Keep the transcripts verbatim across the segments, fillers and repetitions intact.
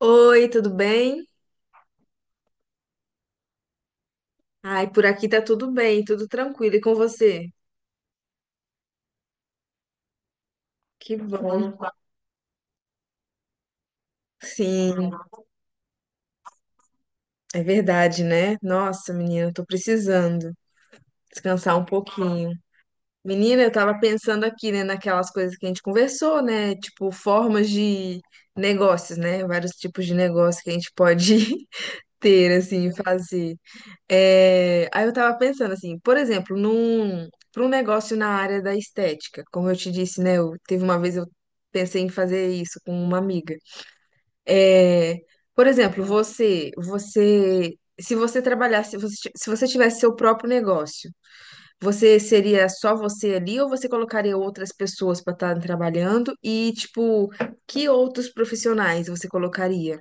Oi, tudo bem? Ai, por aqui tá tudo bem, tudo tranquilo. E com você? Que bom. Sim, é verdade, né? Nossa, menina, eu tô precisando descansar um pouquinho. Menina, eu tava pensando aqui, né, naquelas coisas que a gente conversou, né? Tipo, formas de negócios, né? Vários tipos de negócio que a gente pode ter, assim, fazer. É, aí eu tava pensando assim, por exemplo, num, para um negócio na área da estética, como eu te disse, né? Eu, teve uma vez eu pensei em fazer isso com uma amiga. É, por exemplo, você, você, se você trabalhasse, você ti- se você tivesse seu próprio negócio, você seria só você ali ou você colocaria outras pessoas para estar trabalhando? E tipo, que outros profissionais você colocaria?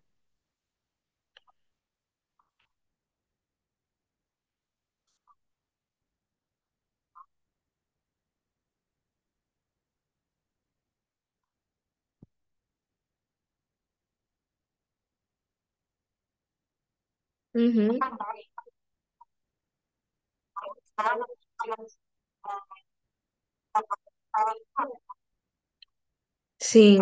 Uhum. Sim.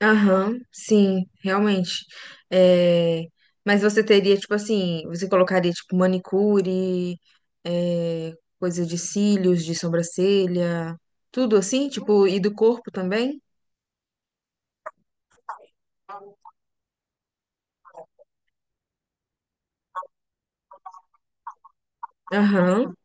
Aham, sim, realmente. É, mas você teria, tipo assim, você colocaria, tipo, manicure, é, coisa de cílios, de sobrancelha, tudo assim, tipo, e do corpo também? Aham.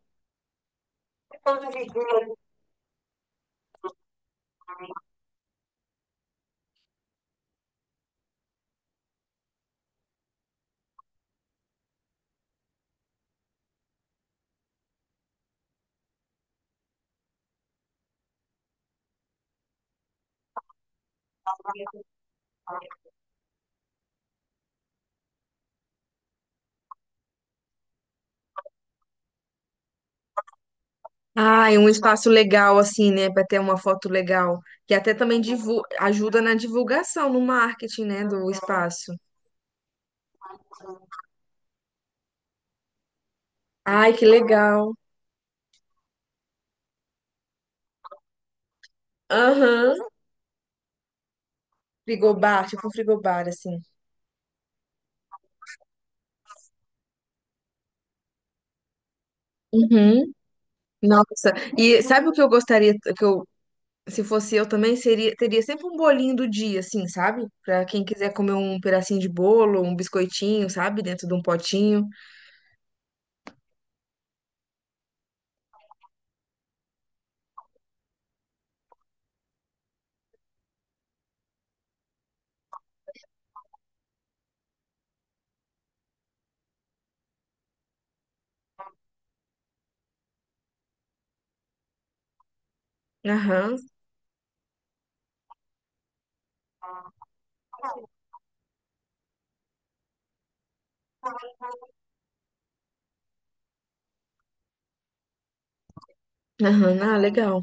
Ah, e um espaço legal, assim, né, pra ter uma foto legal, que até também divu- ajuda na divulgação, no marketing, né, do espaço. Ai, que legal. Aham. Frigobar, tipo um frigobar, assim. Uhum. Nossa, e sabe o que eu gostaria, que eu Se fosse eu também, seria, teria sempre um bolinho do dia, assim, sabe? Pra quem quiser comer um pedacinho de bolo, um biscoitinho, sabe? Dentro de um potinho. Aham, aham, ah, legal.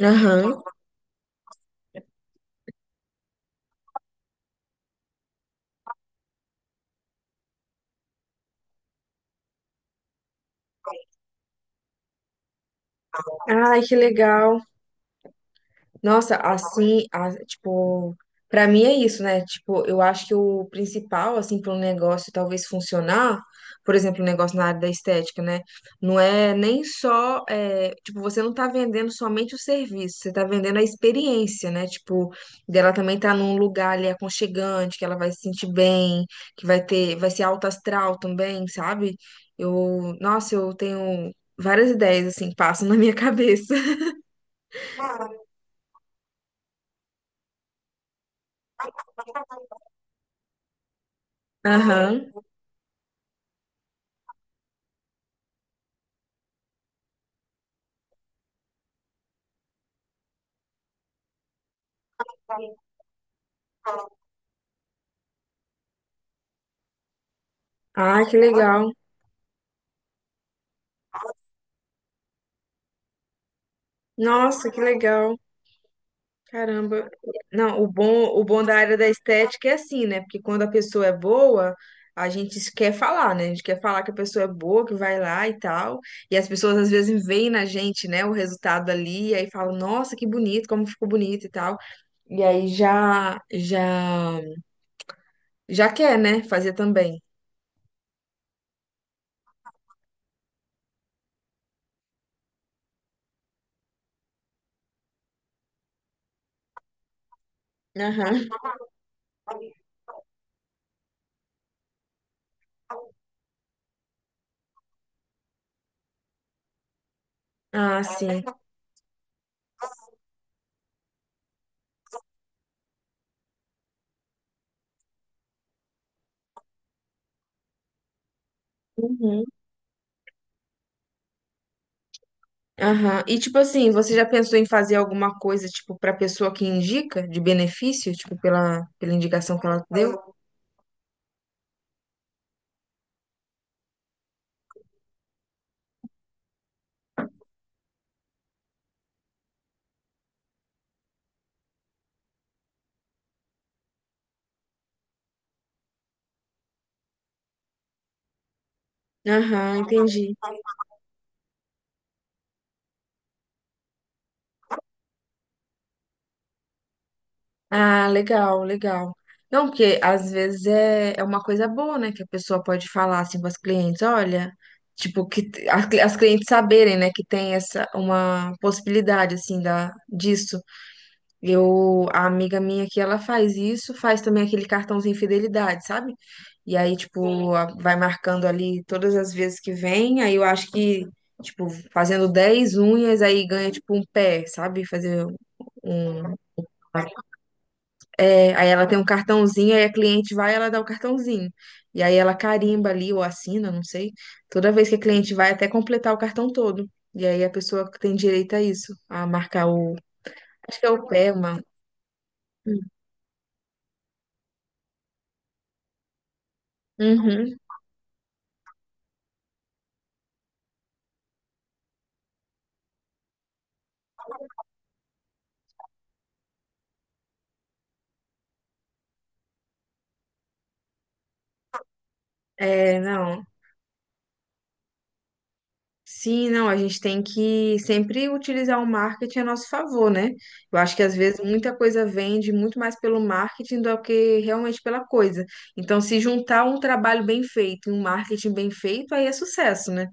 Aham. Ai, que legal. Nossa, assim, a- tipo, pra mim é isso, né? Tipo, eu acho que o principal, assim, para um negócio talvez funcionar, por exemplo, um negócio na área da estética, né? Não é nem só, é, tipo, você não tá vendendo somente o serviço, você tá vendendo a experiência, né? Tipo, dela também tá num lugar ali aconchegante, que ela vai se sentir bem, que vai ter, vai ser alto astral também, sabe? Eu, nossa, eu tenho várias ideias, assim, que passam na minha cabeça. Aham. Ah, que legal. Nossa, que legal. Caramba. Não, o bom, o bom da área da estética é assim, né? Porque quando a pessoa é boa, a gente quer falar, né? A gente quer falar que a pessoa é boa, que vai lá e tal. E as pessoas às vezes veem na gente, né, o resultado ali, e aí falam, nossa, que bonito, como ficou bonito e tal. E aí já, já, já quer, né, fazer também. Aham. Ah, sim. Uhum. Aham. E tipo assim, você já pensou em fazer alguma coisa, tipo, pra pessoa que indica, de benefício, tipo, pela, pela indicação que ela deu? Aham, entendi. Ah, legal, legal. Não, porque às vezes é, é uma coisa boa, né? Que a pessoa pode falar assim para as clientes, olha, tipo, que t- as, cli- as clientes saberem, né, que tem essa uma possibilidade assim da disso. Eu, a amiga minha que ela faz isso, faz também aquele cartãozinho fidelidade, sabe? E aí, tipo, a- vai marcando ali todas as vezes que vem, aí eu acho que, tipo, fazendo dez unhas, aí ganha, tipo, um pé, sabe? Fazer um... É, aí ela tem um cartãozinho, aí a cliente vai, ela dá o cartãozinho. E aí ela carimba ali, ou assina, não sei, toda vez que a cliente vai, até completar o cartão todo. E aí a pessoa tem direito a isso, a marcar o... Acho que é o pé, mano. É, não. Sim, não, a gente tem que sempre utilizar o marketing a nosso favor, né? Eu acho que às vezes muita coisa vende muito mais pelo marketing do que realmente pela coisa. Então, se juntar um trabalho bem feito e um marketing bem feito, aí é sucesso, né?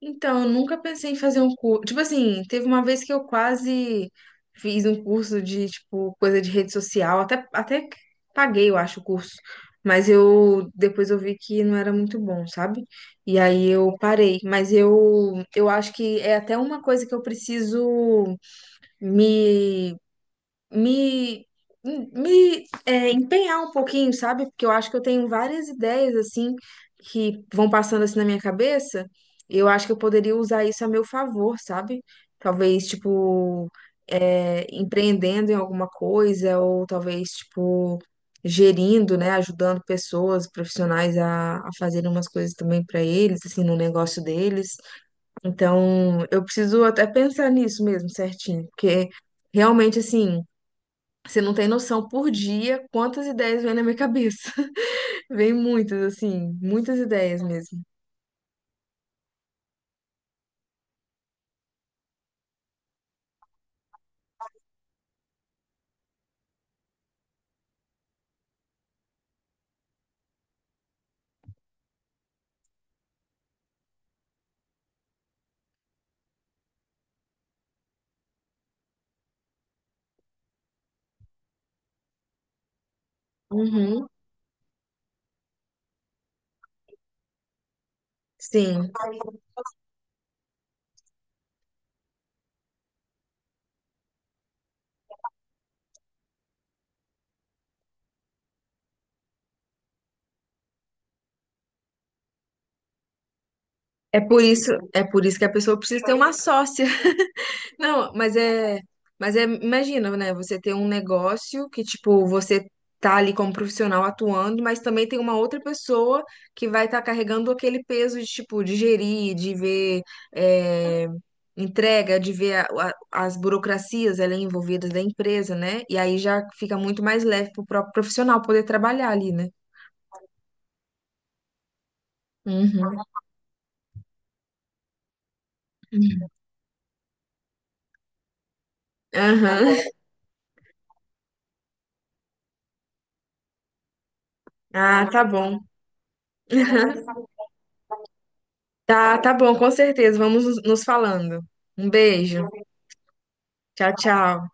Então, eu nunca pensei em fazer um curso. Tipo assim, teve uma vez que eu quase fiz um curso de, tipo, coisa de rede social. Até, até que paguei, eu acho, o curso. Mas eu depois eu vi que não era muito bom, sabe? E aí eu parei. Mas eu, eu acho que é até uma coisa que eu preciso me me, me é, empenhar um pouquinho, sabe? Porque eu acho que eu tenho várias ideias, assim, que vão passando assim na minha cabeça. Eu acho que eu poderia usar isso a meu favor, sabe? Talvez, tipo, é, empreendendo em alguma coisa, ou talvez, tipo, gerindo, né? Ajudando pessoas, profissionais a, a fazerem umas coisas também para eles, assim, no negócio deles. Então, eu preciso até pensar nisso mesmo, certinho, porque realmente, assim. Você não tem noção por dia quantas ideias vêm na minha cabeça. Vem muitas, assim, muitas ideias mesmo. Uhum, sim. É por isso, é por isso que a pessoa precisa ter uma sócia. Não, mas é, mas é, imagina, né? Você ter um negócio que, tipo, você tá ali como profissional atuando, mas também tem uma outra pessoa que vai estar carregando aquele peso de, tipo, de gerir, de ver é, entrega, de ver a- a- as burocracias ali envolvidas da empresa, né? E aí já fica muito mais leve pro próprio profissional poder trabalhar ali, né? Uhum. Aham. Ah, tá bom. Tá, tá bom, com certeza. Vamos nos nos falando. Um beijo. Tchau, tchau.